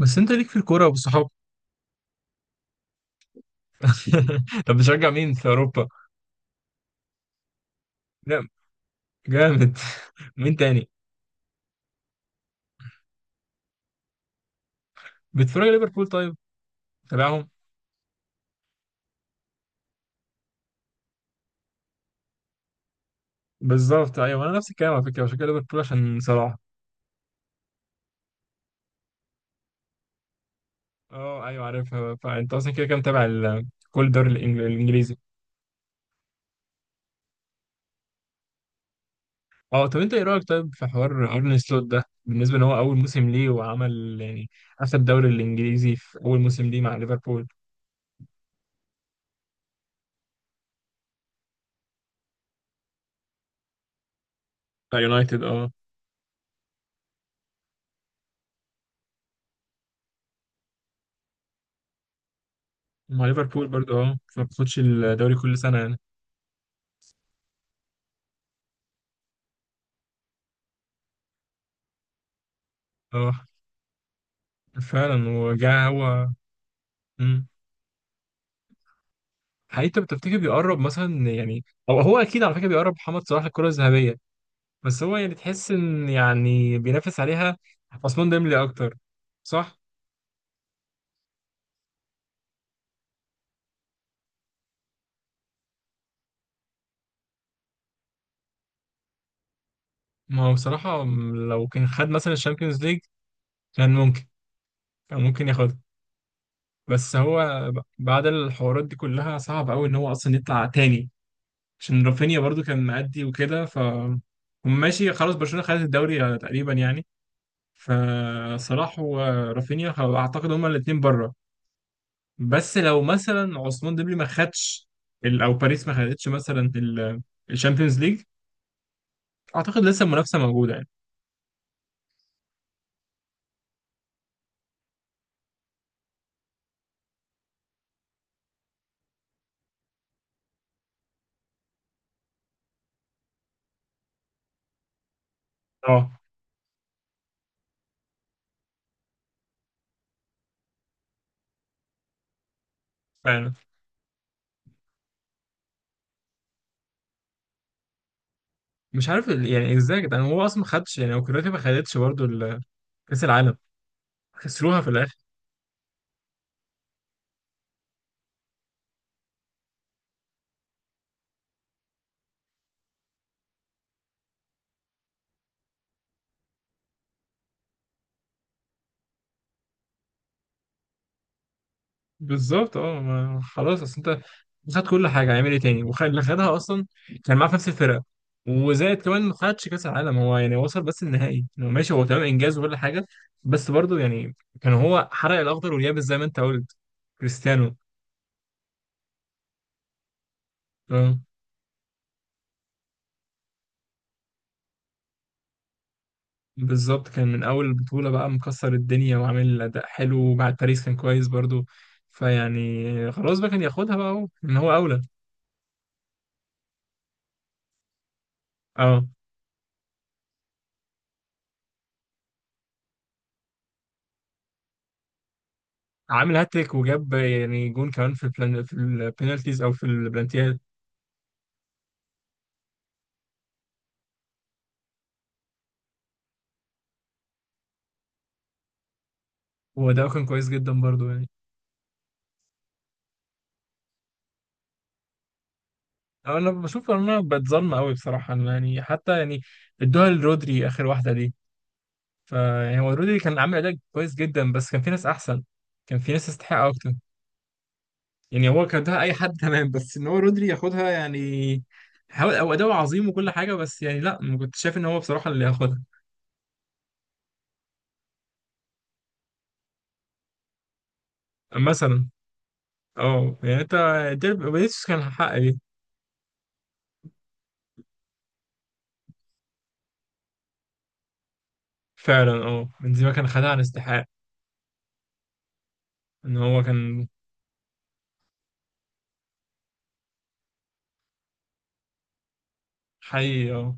بس انت ليك في الكوره والصحاب. طب بتشجع مين في اوروبا؟ لا، جامد. مين تاني؟ بتتفرج على ليفربول؟ طيب، تابعهم. بالظبط، ايوه، انا نفس الكلام على فكره، بشجع ليفربول عشان صلاح. اه، ايوه عارفها، فانت اصلا كده كده متابع كل الدوري الانجليزي. اه، طب انت ايه رايك طيب في حوار ارن سلوت ده، بالنسبه ان هو اول موسم ليه وعمل يعني اخد الدوري الانجليزي في اول موسم ليه مع ليفربول. مع يونايتد، اه. مع ليفربول برضه، اه، فما بتاخدش الدوري كل سنه يعني. اه فعلا، وجا هو. امم حقيقي، انت بتفتكر بيقرب مثلا يعني، او هو اكيد على فكره بيقرب محمد صلاح للكره الذهبيه؟ بس هو يعني تحس ان يعني بينافس عليها عثمان ديمبلي اكتر، صح؟ ما هو بصراحه لو كان خد مثلا الشامبيونز ليج، كان ممكن كان ممكن ياخدها. بس هو بعد الحوارات دي كلها، صعب قوي ان هو اصلا يطلع تاني. عشان رافينيا برضو كان مأدي وكده، ف هم ماشي، خلاص برشلونه خدت الدوري تقريبا يعني. فصلاح ورافينيا اعتقد هما الاثنين بره. بس لو مثلا عثمان ديمبلي ما خدش او باريس ما خدتش مثلا الشامبيونز ليج، اعتقد لسه المنافسه موجوده يعني. اه فعلا. مش عارف يعني ازاي يا جدعان هو اصلا ما خدش يعني، او كرواتيا ما خدتش برضه كاس العالم، خسروها في الاخر. بالظبط، اه، خلاص، اصل انت خد كل حاجه، هيعمل ايه تاني؟ وخد اللي خدها اصلا كان معاه في نفس الفرقه، وزائد كمان ما خدش كاس العالم هو يعني، وصل بس النهائي، يعني ماشي، هو تمام انجاز وكل حاجه، بس برضه يعني كان هو حرق الاخضر واليابس زي ما انت قلت، كريستيانو. اه بالظبط، كان من اول البطوله بقى مكسر الدنيا وعامل اداء حلو، وبعد باريس كان كويس برضه. فيعني خلاص بقى كان ياخدها بقى، اهو ان هو اولى. اه، عامل هاتريك وجاب يعني جون كمان في البلان، في البينالتيز او في البلانتيات. وده كان كويس جدا برضو يعني. أو انا بشوف ان انا بتظلم قوي بصراحه، إن يعني حتى يعني ادوها لرودري اخر واحده دي. فيعني هو رودري كان عامل اداء كويس جدا، بس كان في ناس احسن، كان في ناس تستحق اكتر. يعني هو كان اداها اي حد تمام، بس ان هو رودري ياخدها يعني، حاول او اداؤه عظيم وكل حاجه، بس يعني لا، ما كنتش شايف ان هو بصراحه اللي ياخدها. مثلا، اه يعني انت، ديربي كان حق. فعلا، اه، بنزيما كان خدها عن استحقاق، ان هو كان. حي، اه.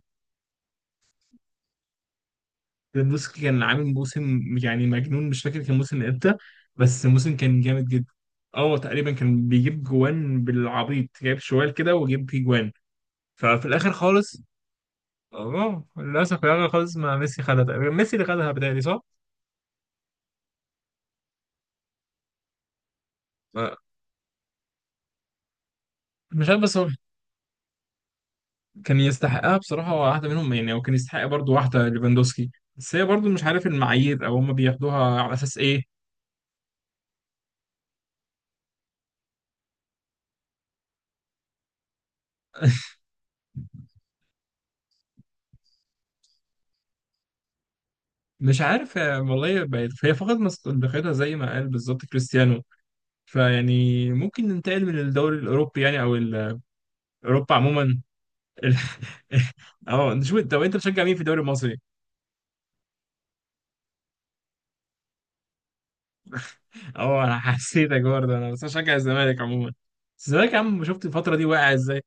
ليفاندوسكي كان عامل موسم يعني مجنون، مش فاكر كان موسم امتى، بس الموسم كان جامد جدا. اه تقريبا كان بيجيب جوان بالعبيط، جايب شوال كده وجيب فيه جوان. ففي الاخر خالص، اه للاسف في الاخر خالص ما ميسي خدها تقريبا، ميسي اللي خدها بتهيألي، صح؟ ما- مش عارف بس هو كان يستحقها بصراحة، واحدة منهم يعني، وكان يستحق برضه واحدة ليفاندوسكي، بس هي برضه مش عارف المعايير او هم بياخدوها على اساس ايه. مش عارف، والله بقت هي فقدت مصداقيتها زي ما قال بالظبط كريستيانو. فيعني ممكن ننتقل من الدوري الاوروبي يعني، او اوروبا عموما. ال- اه، نشوف. انت طب انت بتشجع مين في الدوري المصري؟ اه، انا حسيتك برضه، انا بس بشجع الزمالك عموما. بس الزمالك يا عم، شفت الفتره دي واقع ازاي؟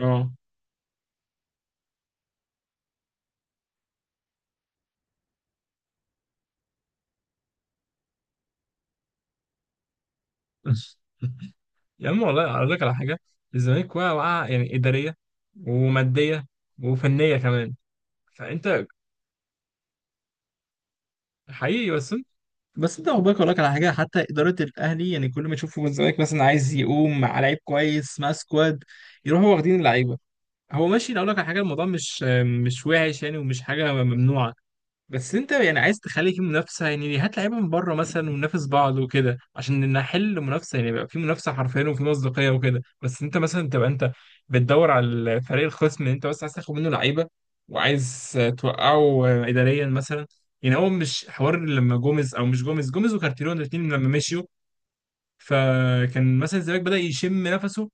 اه. يا عم والله اقول لك على حاجه، الزمالك واقع واقع يعني، اداريه وماديه وفنيه كمان. فانت حقيقي بس. بس انت عقبالك اقول لك على حاجه، حتى اداره الاهلي يعني كل ما تشوفوا الزمالك مثلا عايز يقوم مع لعيب كويس مع سكواد، يروحوا واخدين اللعيبه. هو ماشي، اقول لك على حاجه، الموضوع مش وحش يعني، ومش حاجه ممنوعه. بس انت يعني عايز تخلي في منافسه، يعني هات لعيبه من بره مثلا وننافس بعض وكده، عشان نحل منافسه يعني، يبقى في منافسه حرفيا وفي مصداقيه وكده. بس انت مثلا تبقى انت بتدور على الفريق الخصم اللي انت بس عايز تاخد منه لعيبه، وعايز توقعه اداريا مثلا. يعني هو مش حوار لما جوميز، او مش جوميز، جوميز وكارتيرون الاثنين لما مشيوا. فكان مثلا الزمالك بدأ يشم نفسه،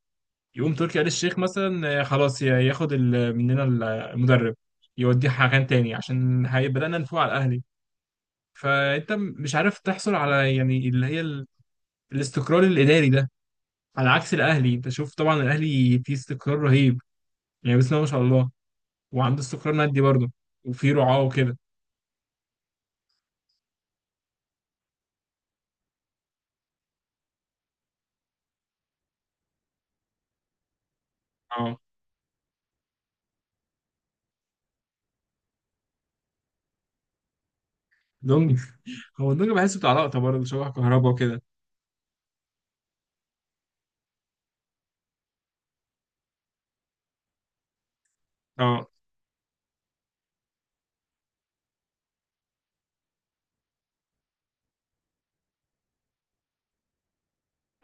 يقوم تركي آل الشيخ مثلا، خلاص ياخد مننا المدرب، يوديه مكان تاني عشان بدأنا نفوق على الاهلي. فانت مش عارف تحصل على يعني اللي هي الاستقرار الاداري ده، على عكس الاهلي. انت شوف، طبعا الاهلي فيه استقرار رهيب، يعني بسم الله ما شاء الله، وعنده استقرار مادي برضه، وفيه رعاه وكده. اه، دونجا، هو دونجا بحسه بتاع لقطه برضه، شبه كهربا وكده. اه،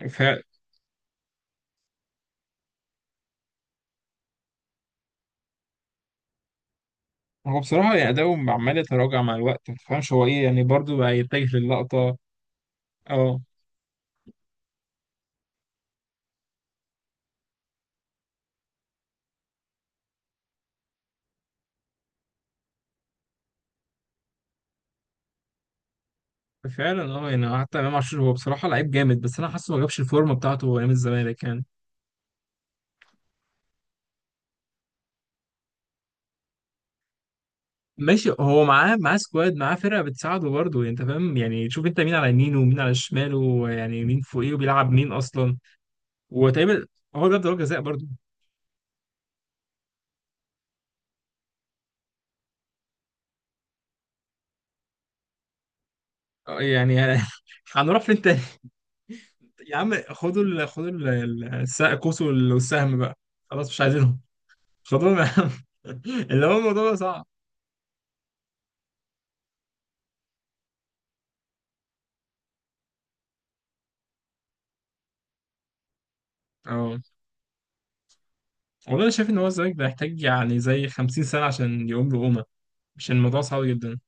ف هو بصراحه يعني اداؤه عمال يتراجع مع الوقت، ما تفهمش هو ايه يعني برضه بقى، يتجه للقطه. اه فعلا، اه، يعني حتى امام عاشور هو بصراحه لعيب جامد، بس انا حاسه ما جابش الفورمه بتاعته ايام الزمالك يعني. ماشي، هو معاه سكواد، معاه فرقه بتساعده برضه يعني، انت فاهم يعني، شوف انت مين على يمينه ومين على شماله ويعني مين فوقيه وبيلعب مين اصلا. وتقريبا هو جاب ضربه جزاء برضه. يعني هنروح فين تاني؟ يا عم، خدوا الكوس والسهم بقى، خلاص مش عايزينهم. خدوهم يا عم. اللي هو الموضوع ده صعب. اه والله انا شايف ان هو الزمالك ده يحتاج يعني زي 50 سنه عشان يقوم له قومه، عشان الموضوع صعب جدا.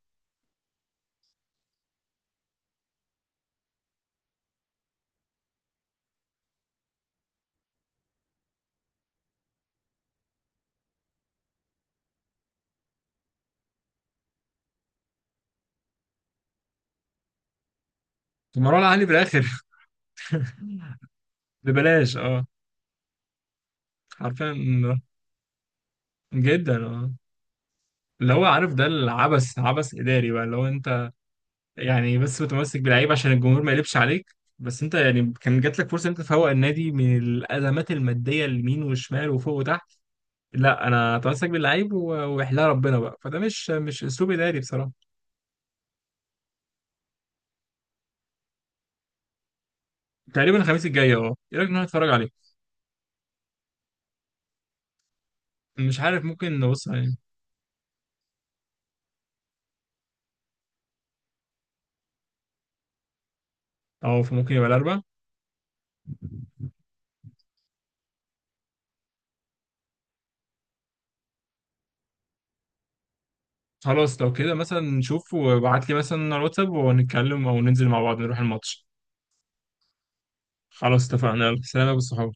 مروان علي بالاخر. ببلاش، اه، حرفيا، جدا، اه. اللي هو عارف ده العبث، عبث إداري بقى، اللي هو أنت يعني بس متمسك باللعيب عشان الجمهور ما يقلبش عليك. بس أنت يعني كان جات لك فرصة إن أنت تفوق النادي من الأزمات المادية، اليمين والشمال وفوق وتحت. لا، أنا أتمسك باللعيب ويحلها ربنا بقى، فده مش أسلوب إداري بصراحة. تقريبا الخميس الجاي، أه، إيه رأيك إن أنا أتفرج عليه؟ مش عارف، ممكن نبص عليه أو ممكن يبقى الأربع. خلاص، لو كده مثلا نشوف، وابعت لي مثلا على الواتساب ونتكلم، أو ننزل مع بعض نروح الماتش. خلاص اتفقنا، يلا سلام يا أبو الصحاب.